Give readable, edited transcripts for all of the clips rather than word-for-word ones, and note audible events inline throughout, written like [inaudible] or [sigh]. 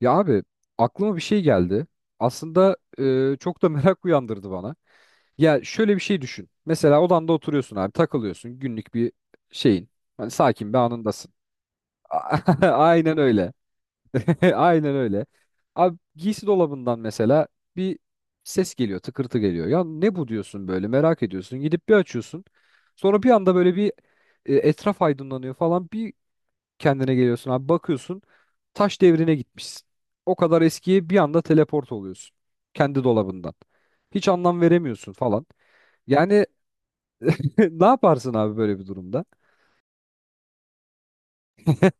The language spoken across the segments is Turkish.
Ya abi aklıma bir şey geldi. Aslında çok da [laughs] merak uyandırdı bana. Ya şöyle bir şey düşün. Mesela odanda oturuyorsun abi, takılıyorsun günlük bir şeyin. Hani sakin bir anındasın. [laughs] Aynen öyle. [laughs] Aynen öyle. Abi giysi dolabından mesela bir ses geliyor, tıkırtı geliyor. Ya ne bu diyorsun, böyle merak ediyorsun. Gidip bir açıyorsun. Sonra bir anda böyle bir etraf aydınlanıyor falan. Bir kendine geliyorsun abi, bakıyorsun taş devrine gitmişsin. O kadar eskiye bir anda teleport oluyorsun kendi dolabından. Hiç anlam veremiyorsun falan. Yani [laughs] ne yaparsın abi böyle bir durumda?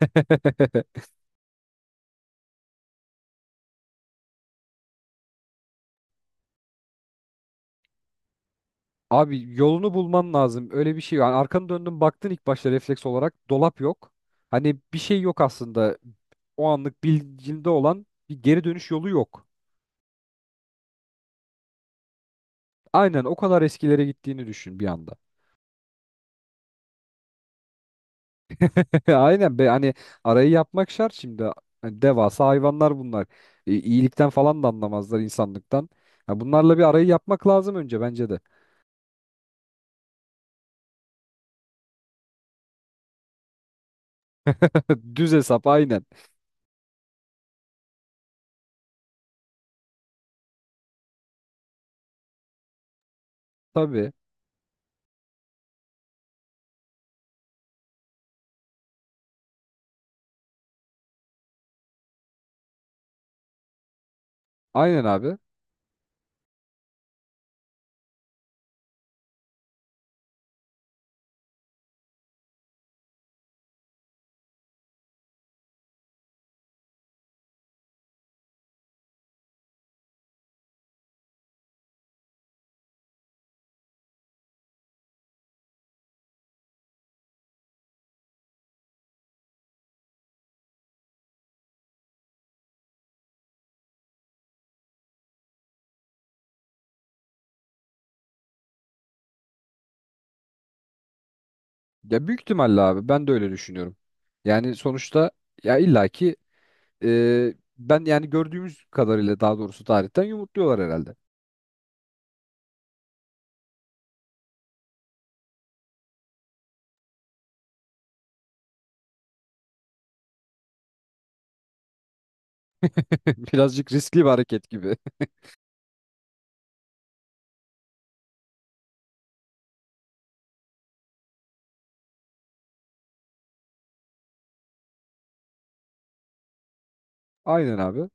[laughs] Abi yolunu bulman lazım. Öyle bir şey. Yani arkanı döndün, baktın ilk başta refleks olarak dolap yok. Hani bir şey yok aslında. O anlık bilincinde olan bir geri dönüş yolu yok. Aynen o kadar eskilere gittiğini düşün bir anda. [laughs] Ya aynen be, hani arayı yapmak şart şimdi. Hani devasa hayvanlar bunlar. İyilikten falan da anlamazlar, insanlıktan. Ha, bunlarla bir arayı yapmak lazım önce bence de. [laughs] Düz hesap aynen. Tabii. Aynen abi. Ya büyük ihtimalle abi ben de öyle düşünüyorum. Yani sonuçta ya illaki ben, yani gördüğümüz kadarıyla daha doğrusu tarihten, yumurtluyorlar herhalde. [laughs] Birazcık riskli bir hareket gibi. Aynen abi.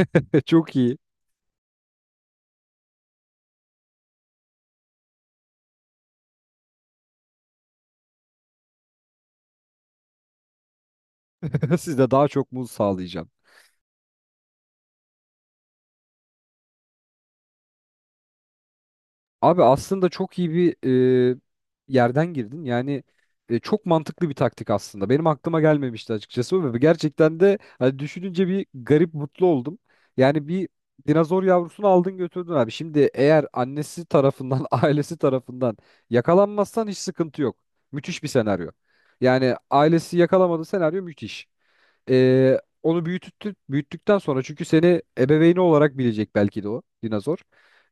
[laughs] Çok iyi. [laughs] Siz de daha çok muz sağlayacaksınız. Abi aslında çok iyi bir e, yerden girdin. Yani çok mantıklı bir taktik aslında. Benim aklıma gelmemişti açıkçası ve gerçekten de hani düşününce bir garip mutlu oldum. Yani bir dinozor yavrusunu aldın, götürdün abi. Şimdi eğer annesi tarafından, [laughs] ailesi tarafından yakalanmazsan hiç sıkıntı yok. Müthiş bir senaryo. Yani ailesi yakalamadı, senaryo müthiş. Onu büyüttü, büyüttükten sonra, çünkü seni ebeveyni olarak bilecek belki de o dinozor,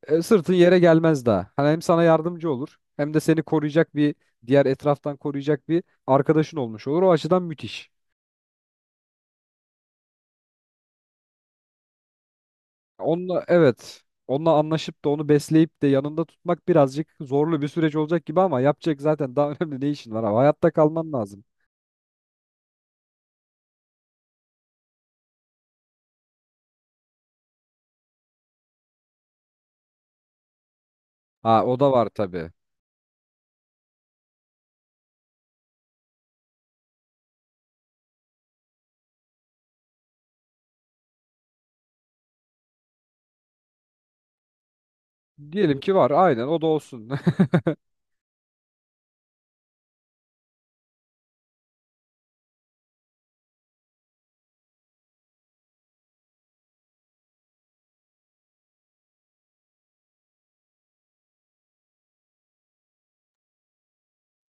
sırtın yere gelmez daha. Hani hem sana yardımcı olur hem de seni koruyacak bir diğer, etraftan koruyacak bir arkadaşın olmuş olur. O açıdan müthiş. Onunla, evet, onunla anlaşıp da onu besleyip de yanında tutmak birazcık zorlu bir süreç olacak gibi, ama yapacak zaten daha [laughs] önemli ne işin var abi. Hayatta kalman lazım. Ha, o da var tabii. Diyelim ki var, aynen, o da olsun.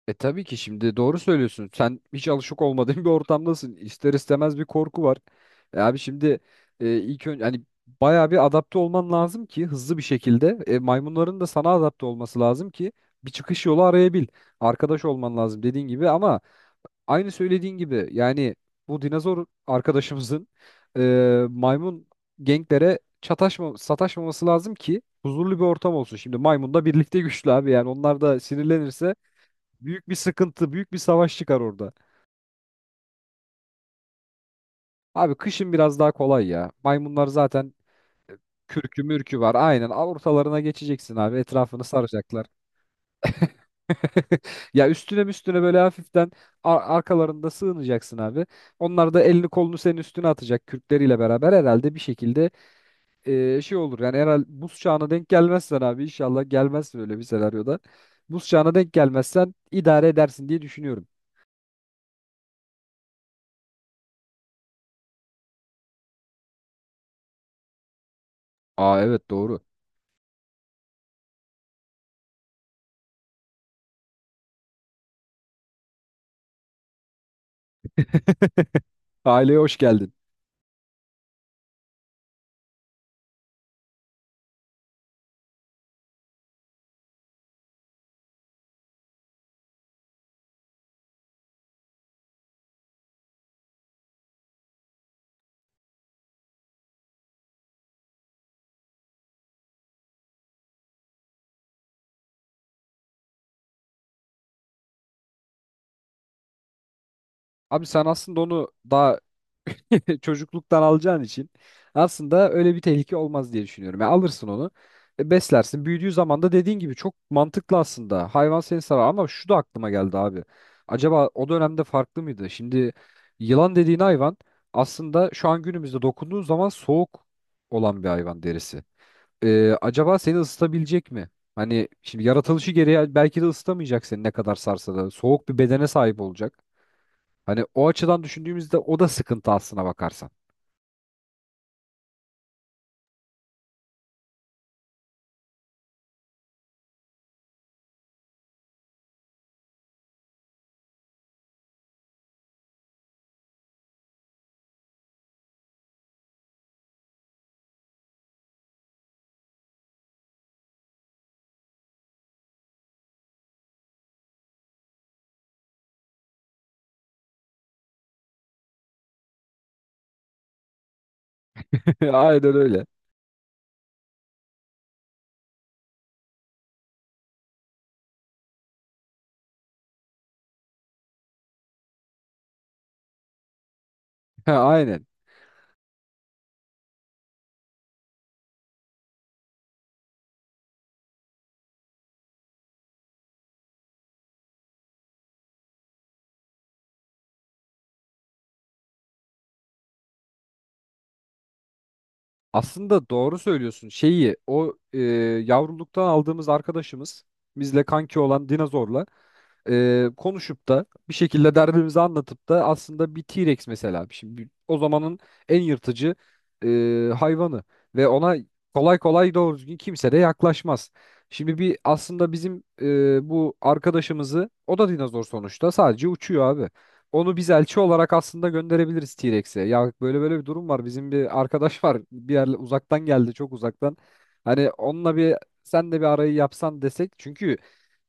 E tabii ki, şimdi doğru söylüyorsun. Sen hiç alışık olmadığın [laughs] bir ortamdasın. İster istemez bir korku var. E abi şimdi ilk önce hani bayağı bir adapte olman lazım ki hızlı bir şekilde. E, maymunların da sana adapte olması lazım ki bir çıkış yolu arayabil. Arkadaş olman lazım dediğin gibi, ama aynı söylediğin gibi yani bu dinozor arkadaşımızın maymun genklere çataşma, sataşmaması lazım ki huzurlu bir ortam olsun. Şimdi maymun da birlikte güçlü abi, yani onlar da sinirlenirse büyük bir sıkıntı, büyük bir savaş çıkar orada. Abi kışın biraz daha kolay ya. Maymunlar zaten kürkü mürkü var. Aynen, al ortalarına geçeceksin abi. Etrafını saracaklar. [laughs] Ya üstüne üstüne böyle hafiften arkalarında sığınacaksın abi. Onlar da elini kolunu senin üstüne atacak kürkleriyle beraber herhalde bir şekilde şey olur. Yani herhalde buz çağına denk gelmezsen abi, inşallah gelmez böyle bir senaryoda. Buz çağına denk gelmezsen idare edersin diye düşünüyorum. Aa, evet, doğru. [laughs] Aileye hoş geldin. Abi sen aslında onu daha [laughs] çocukluktan alacağın için aslında öyle bir tehlike olmaz diye düşünüyorum. Ya alırsın onu, beslersin. Büyüdüğü zaman da dediğin gibi çok mantıklı aslında. Hayvan seni sever, ama şu da aklıma geldi abi. Acaba o dönemde farklı mıydı? Şimdi yılan dediğin hayvan aslında şu an günümüzde dokunduğun zaman soğuk olan bir hayvan derisi. E, acaba seni ısıtabilecek mi? Hani şimdi yaratılışı gereği belki de ısıtamayacak seni ne kadar sarsa da. Soğuk bir bedene sahip olacak. Hani o açıdan düşündüğümüzde o da sıkıntı, aslına bakarsan. [laughs] Aynen öyle. Ha, aynen. Aslında doğru söylüyorsun. Şeyi o yavruluktan aldığımız arkadaşımız, bizle kanki olan dinozorla konuşup da bir şekilde derdimizi anlatıp da, aslında bir T-Rex mesela, şimdi o zamanın en yırtıcı hayvanı ve ona kolay kolay doğru düzgün kimse de yaklaşmaz. Şimdi bir aslında bizim bu arkadaşımızı, o da dinozor sonuçta, sadece uçuyor abi. Onu biz elçi olarak aslında gönderebiliriz T-Rex'e. Ya böyle böyle bir durum var. Bizim bir arkadaş var. Bir yerle uzaktan geldi, çok uzaktan. Hani onunla bir, sen de bir arayı yapsan desek. Çünkü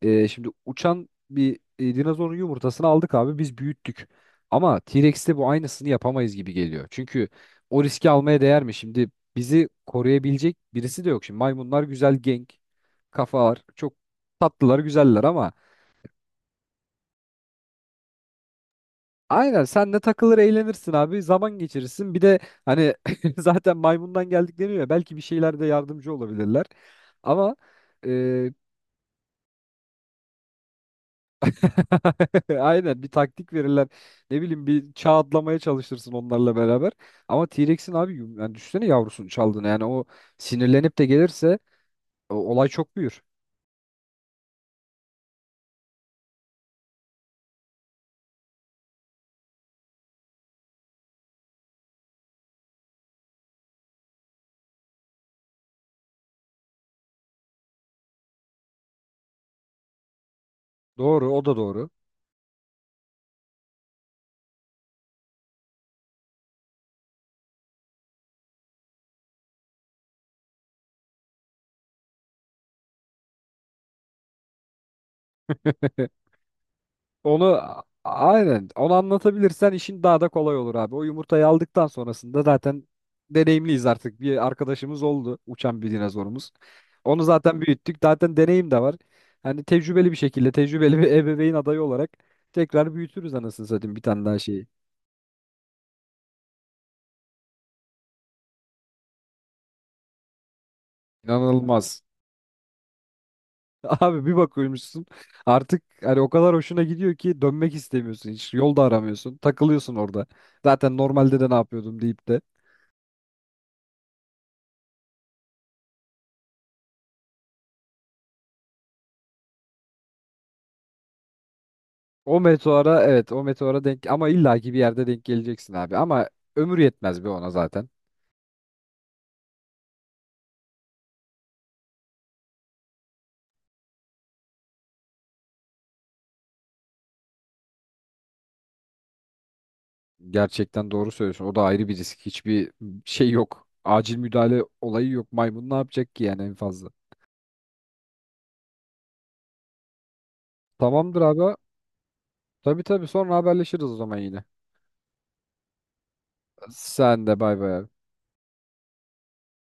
şimdi uçan bir dinozorun yumurtasını aldık abi, biz büyüttük. Ama T-Rex'te bu aynısını yapamayız gibi geliyor. Çünkü o riski almaya değer mi? Şimdi bizi koruyabilecek birisi de yok. Şimdi maymunlar güzel genk, kafalar çok tatlılar, güzeller ama aynen senle takılır, eğlenirsin abi, zaman geçirirsin. Bir de hani [laughs] zaten maymundan geldik deniyor ya, belki bir şeylerde yardımcı olabilirler. Ama e, [laughs] aynen bir taktik verirler. Ne bileyim, bir çağ atlamaya çalışırsın onlarla beraber. Ama T-Rex'in abi yani düşünsene yavrusunu çaldığını. Yani o sinirlenip de gelirse olay çok büyür. Doğru, o da doğru. [laughs] Onu aynen onu anlatabilirsen işin daha da kolay olur abi. O yumurtayı aldıktan sonrasında zaten deneyimliyiz artık. Bir arkadaşımız oldu, uçan bir dinozorumuz. Onu zaten büyüttük. Zaten deneyim de var. Hani tecrübeli bir şekilde, tecrübeli bir [laughs] ebeveyn adayı olarak tekrar büyütürüz anasını satayım bir tane daha şeyi. İnanılmaz. [laughs] Abi bir bakıyormuşsun artık hani o kadar hoşuna gidiyor ki dönmek istemiyorsun hiç. Yol da aramıyorsun. Takılıyorsun orada. Zaten normalde de ne yapıyordum deyip de. O meteora, evet, o meteora denk, ama illaki bir yerde denk geleceksin abi. Ama ömür yetmez be ona zaten. Gerçekten doğru söylüyorsun. O da ayrı bir risk. Hiçbir şey yok. Acil müdahale olayı yok. Maymun ne yapacak ki yani en fazla. Tamamdır abi. Tabii, tabii, sonra haberleşiriz o zaman yine. Sen de bay bay abi.